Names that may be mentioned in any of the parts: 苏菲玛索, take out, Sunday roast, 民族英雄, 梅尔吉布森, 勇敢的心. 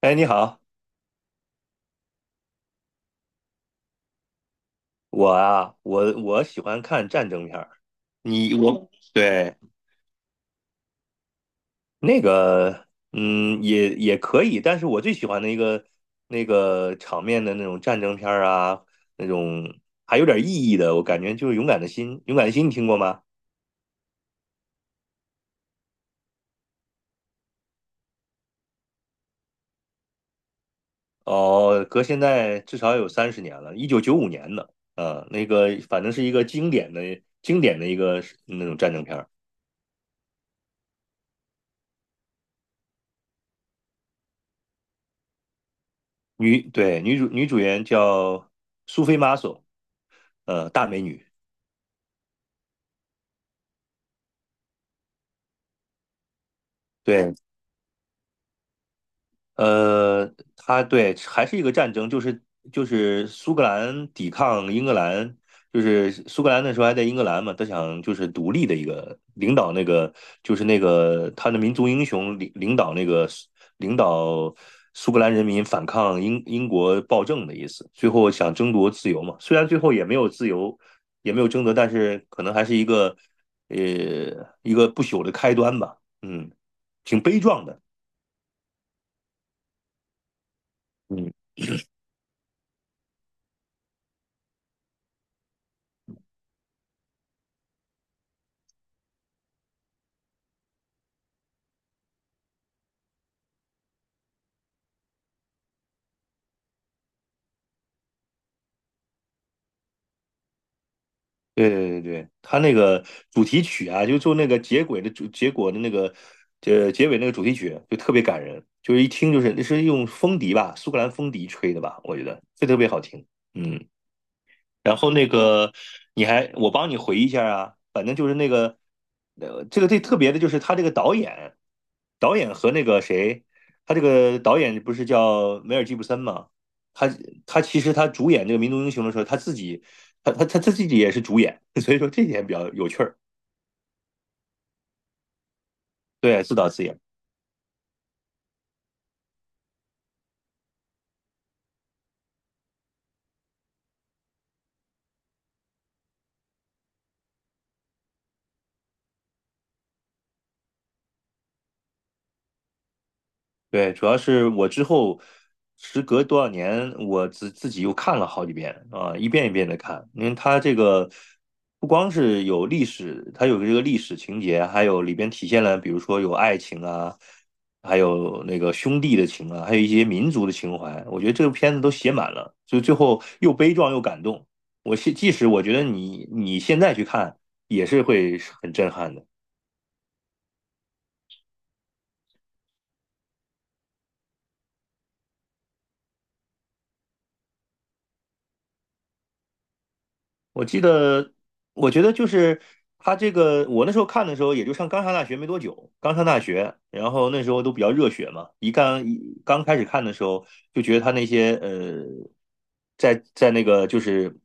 哎，你好，我啊，我喜欢看战争片儿。你我对，那个，也可以，但是我最喜欢的一个那个场面的那种战争片儿啊，那种还有点意义的，我感觉就是《勇敢的心》。《勇敢的心》你听过吗？哦，隔现在至少有三十年了，1995年的，那个反正是一个经典的一个那种战争片儿。女主演叫苏菲玛索，大美女。对，呃，他对还是一个战争，就是苏格兰抵抗英格兰，就是苏格兰那时候还在英格兰嘛，他想就是独立的一个领导那个就是那个他的民族英雄领导那个领导苏格兰人民反抗英国暴政的意思，最后想争夺自由嘛，虽然最后也没有自由，也没有争夺，但是可能还是呃一个不朽的开端吧，挺悲壮的。嗯。对对对对，他那个主题曲啊，就做那个结尾的主结果的那个呃结尾那个主题曲就特别感人，就是一听就是那是用风笛吧，苏格兰风笛吹的吧，我觉得这特别好听。嗯然后那个你还我帮你回忆一下啊，反正就是那个这个最特别的就是他这个导演，导演和那个谁，他这个导演不是叫梅尔吉布森吗？他他其实他主演这个《民族英雄》的时候，他自己也是主演，所以说这点比较有趣儿，对，自导自演。对，主要是我之后时隔多少年，我自己又看了好几遍啊，一遍一遍的看，因为它这个不光是有历史，它有这个历史情节，还有里边体现了，比如说有爱情啊，还有那个兄弟的情啊，还有一些民族的情怀，我觉得这个片子都写满了，就最后又悲壮又感动。即使我觉得你现在去看也是会很震撼的。我记得，我觉得就是他这个，我那时候看的时候，也就刚上大学没多久，刚上大学，然后那时候都比较热血嘛，一刚一刚开始看的时候，就觉得他那些在在那个就是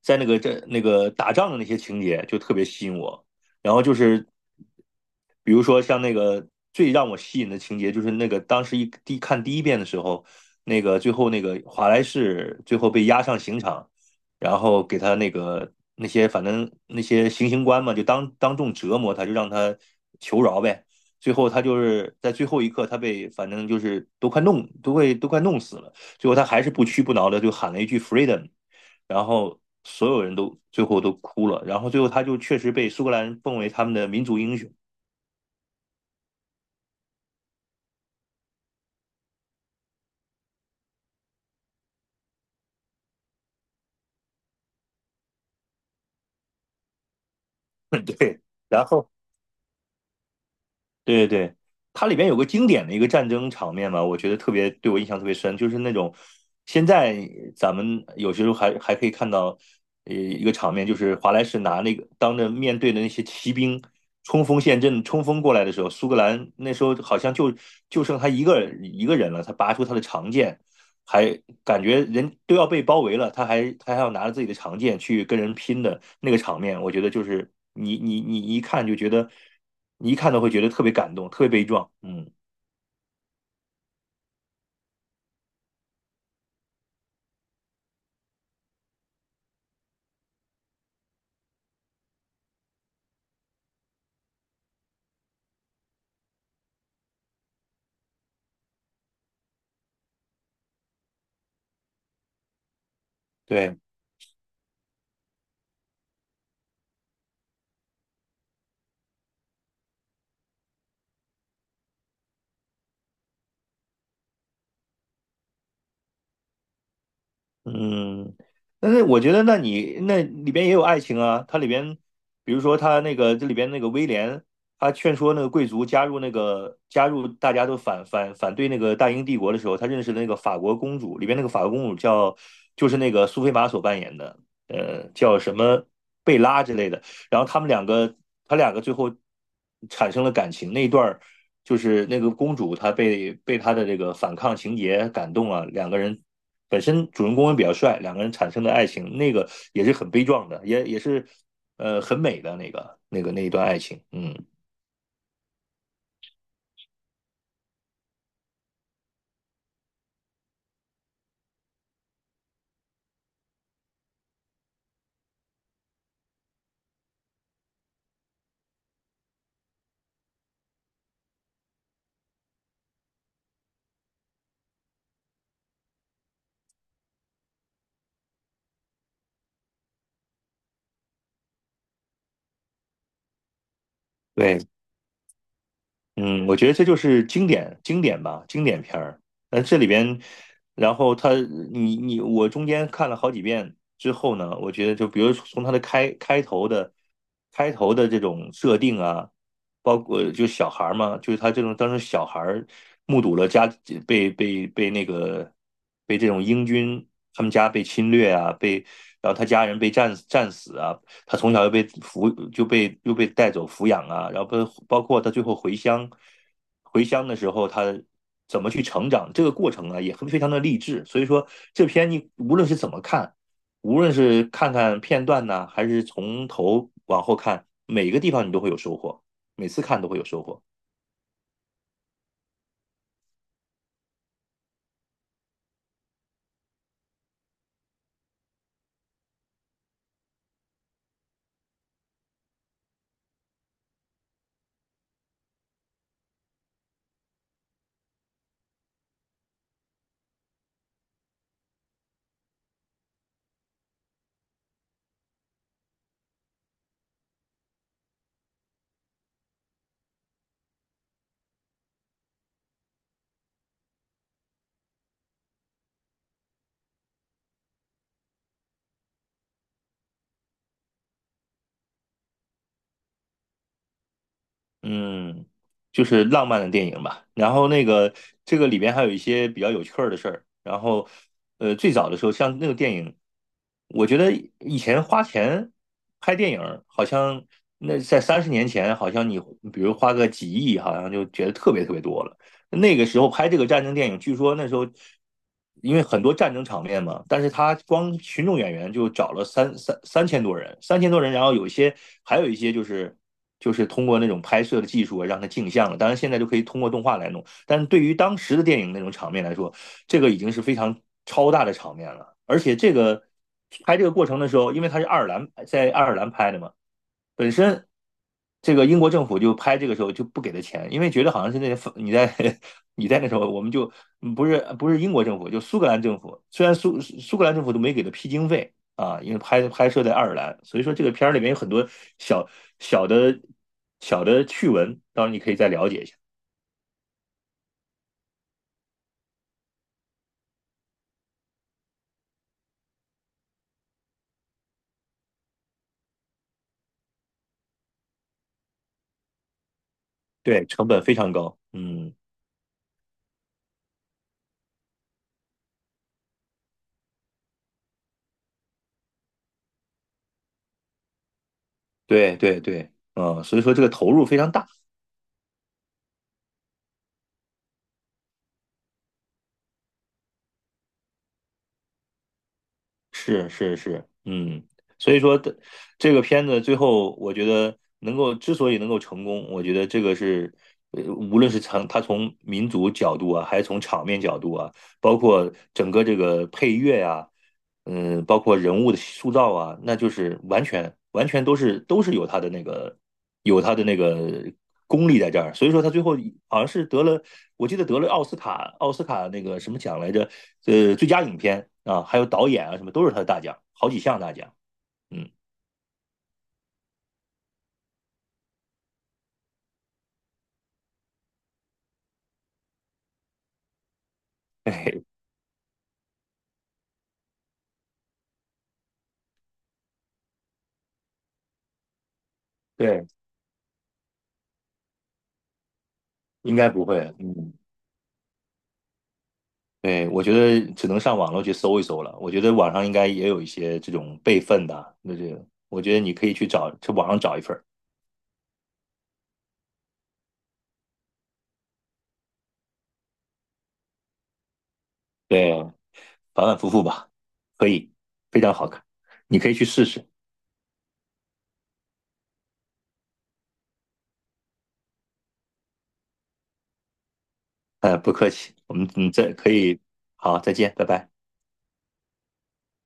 在那个这那个打仗的那些情节就特别吸引我，然后就是比如说像那个最让我吸引的情节，就是那个当时看第一遍的时候，那个最后那个华莱士最后被押上刑场。然后给他那个那些反正那些行刑官嘛，就当众折磨他，就让他求饶呗。最后他就是在最后一刻，他被反正就是都快弄死了，最后他还是不屈不挠的就喊了一句 "freedom",然后所有人都最后都哭了，然后最后他就确实被苏格兰奉为他们的民族英雄，对，然后。对对对，它里边有个经典的一个战争场面嘛，我觉得特别对我印象特别深，就是那种现在咱们有些时候还可以看到，一个场面就是华莱士拿那个当着面对的那些骑兵冲锋陷阵冲锋过来的时候，苏格兰那时候好像就剩他一个人了，他拔出他的长剑，还感觉人都要被包围了，他还要拿着自己的长剑去跟人拼的那个场面，我觉得就是你一看就觉得，你一看都会觉得特别感动，特别悲壮。嗯，对。嗯，但是我觉得，那你那里边也有爱情啊。它里边，比如说他那个这里边那个威廉，他劝说那个贵族加入大家都反对那个大英帝国的时候，他认识了那个法国公主，里边那个法国公主叫就是那个苏菲玛索扮演的，叫什么贝拉之类的。然后他们两个最后产生了感情。那一段儿就是那个公主，她被他的这个反抗情节感动了，两个人本身主人公也比较帅，两个人产生的爱情，那个也是很悲壮的，也是很美的那一段爱情。嗯，对，嗯，我觉得这就是经典经典吧，经典片儿。那这里边，然后他你你我中间看了好几遍之后呢，我觉得就比如从他的开头的这种设定啊，包括就小孩儿嘛，就是他这种当时小孩儿目睹了家被被被那个被这种英军他们家被侵略啊，然后他家人被战死啊，他从小又被带走抚养啊，然后包括他最后回乡，回乡的时候他怎么去成长，这个过程啊也很非常的励志。所以说这篇你无论是怎么看，无论是看看片段呢、还是从头往后看，每个地方你都会有收获，每次看都会有收获。嗯，就是浪漫的电影吧。然后那个这个里边还有一些比较有趣儿的事儿。然后，最早的时候，像那个电影，我觉得以前花钱拍电影儿好像那在三十年前，好像你比如花个几亿，好像就觉得特别特别多了。那个时候拍这个战争电影，据说那时候因为很多战争场面嘛，但是他光群众演员就找了三千多人，三千多人，然后有一些还有一些就是通过那种拍摄的技术啊，让它镜像了。当然现在就可以通过动画来弄，但是对于当时的电影那种场面来说，这个已经是非常超大的场面了。而且这个拍这个过程的时候，因为它是爱尔兰在爱尔兰拍的嘛，本身这个英国政府就拍这个时候就不给他钱，因为觉得好像是那些你在 你在那时候，我们就不是不是英国政府，就苏格兰政府，虽然苏格兰政府都没给他批经费啊，因为拍摄在爱尔兰，所以说这个片儿里面有很多小小的小的趣闻，当然你可以再了解一下。对，成本非常高，嗯，对对对，所以说这个投入非常大。是是是，所以说的这个片子最后，我觉得能够之所以能够成功，我觉得这个是，无论是从民族角度啊，还是从场面角度啊，包括整个这个配乐呀、包括人物的塑造啊，那就是完全完全都是有他的那个功力在这儿，所以说他最后好像是得了，我记得得了奥斯卡那个什么奖来着，最佳影片啊，还有导演啊什么都是他的大奖，好几项大奖，嗯，对对，应该不会，嗯。对，我觉得只能上网络去搜一搜了。我觉得网上应该也有一些这种备份的啊，那这个，我觉得你可以去找，去网上找一份儿。对，反反复复吧，可以，非常好看，你可以去试试。不客气，我们再可以，好，再见，拜拜。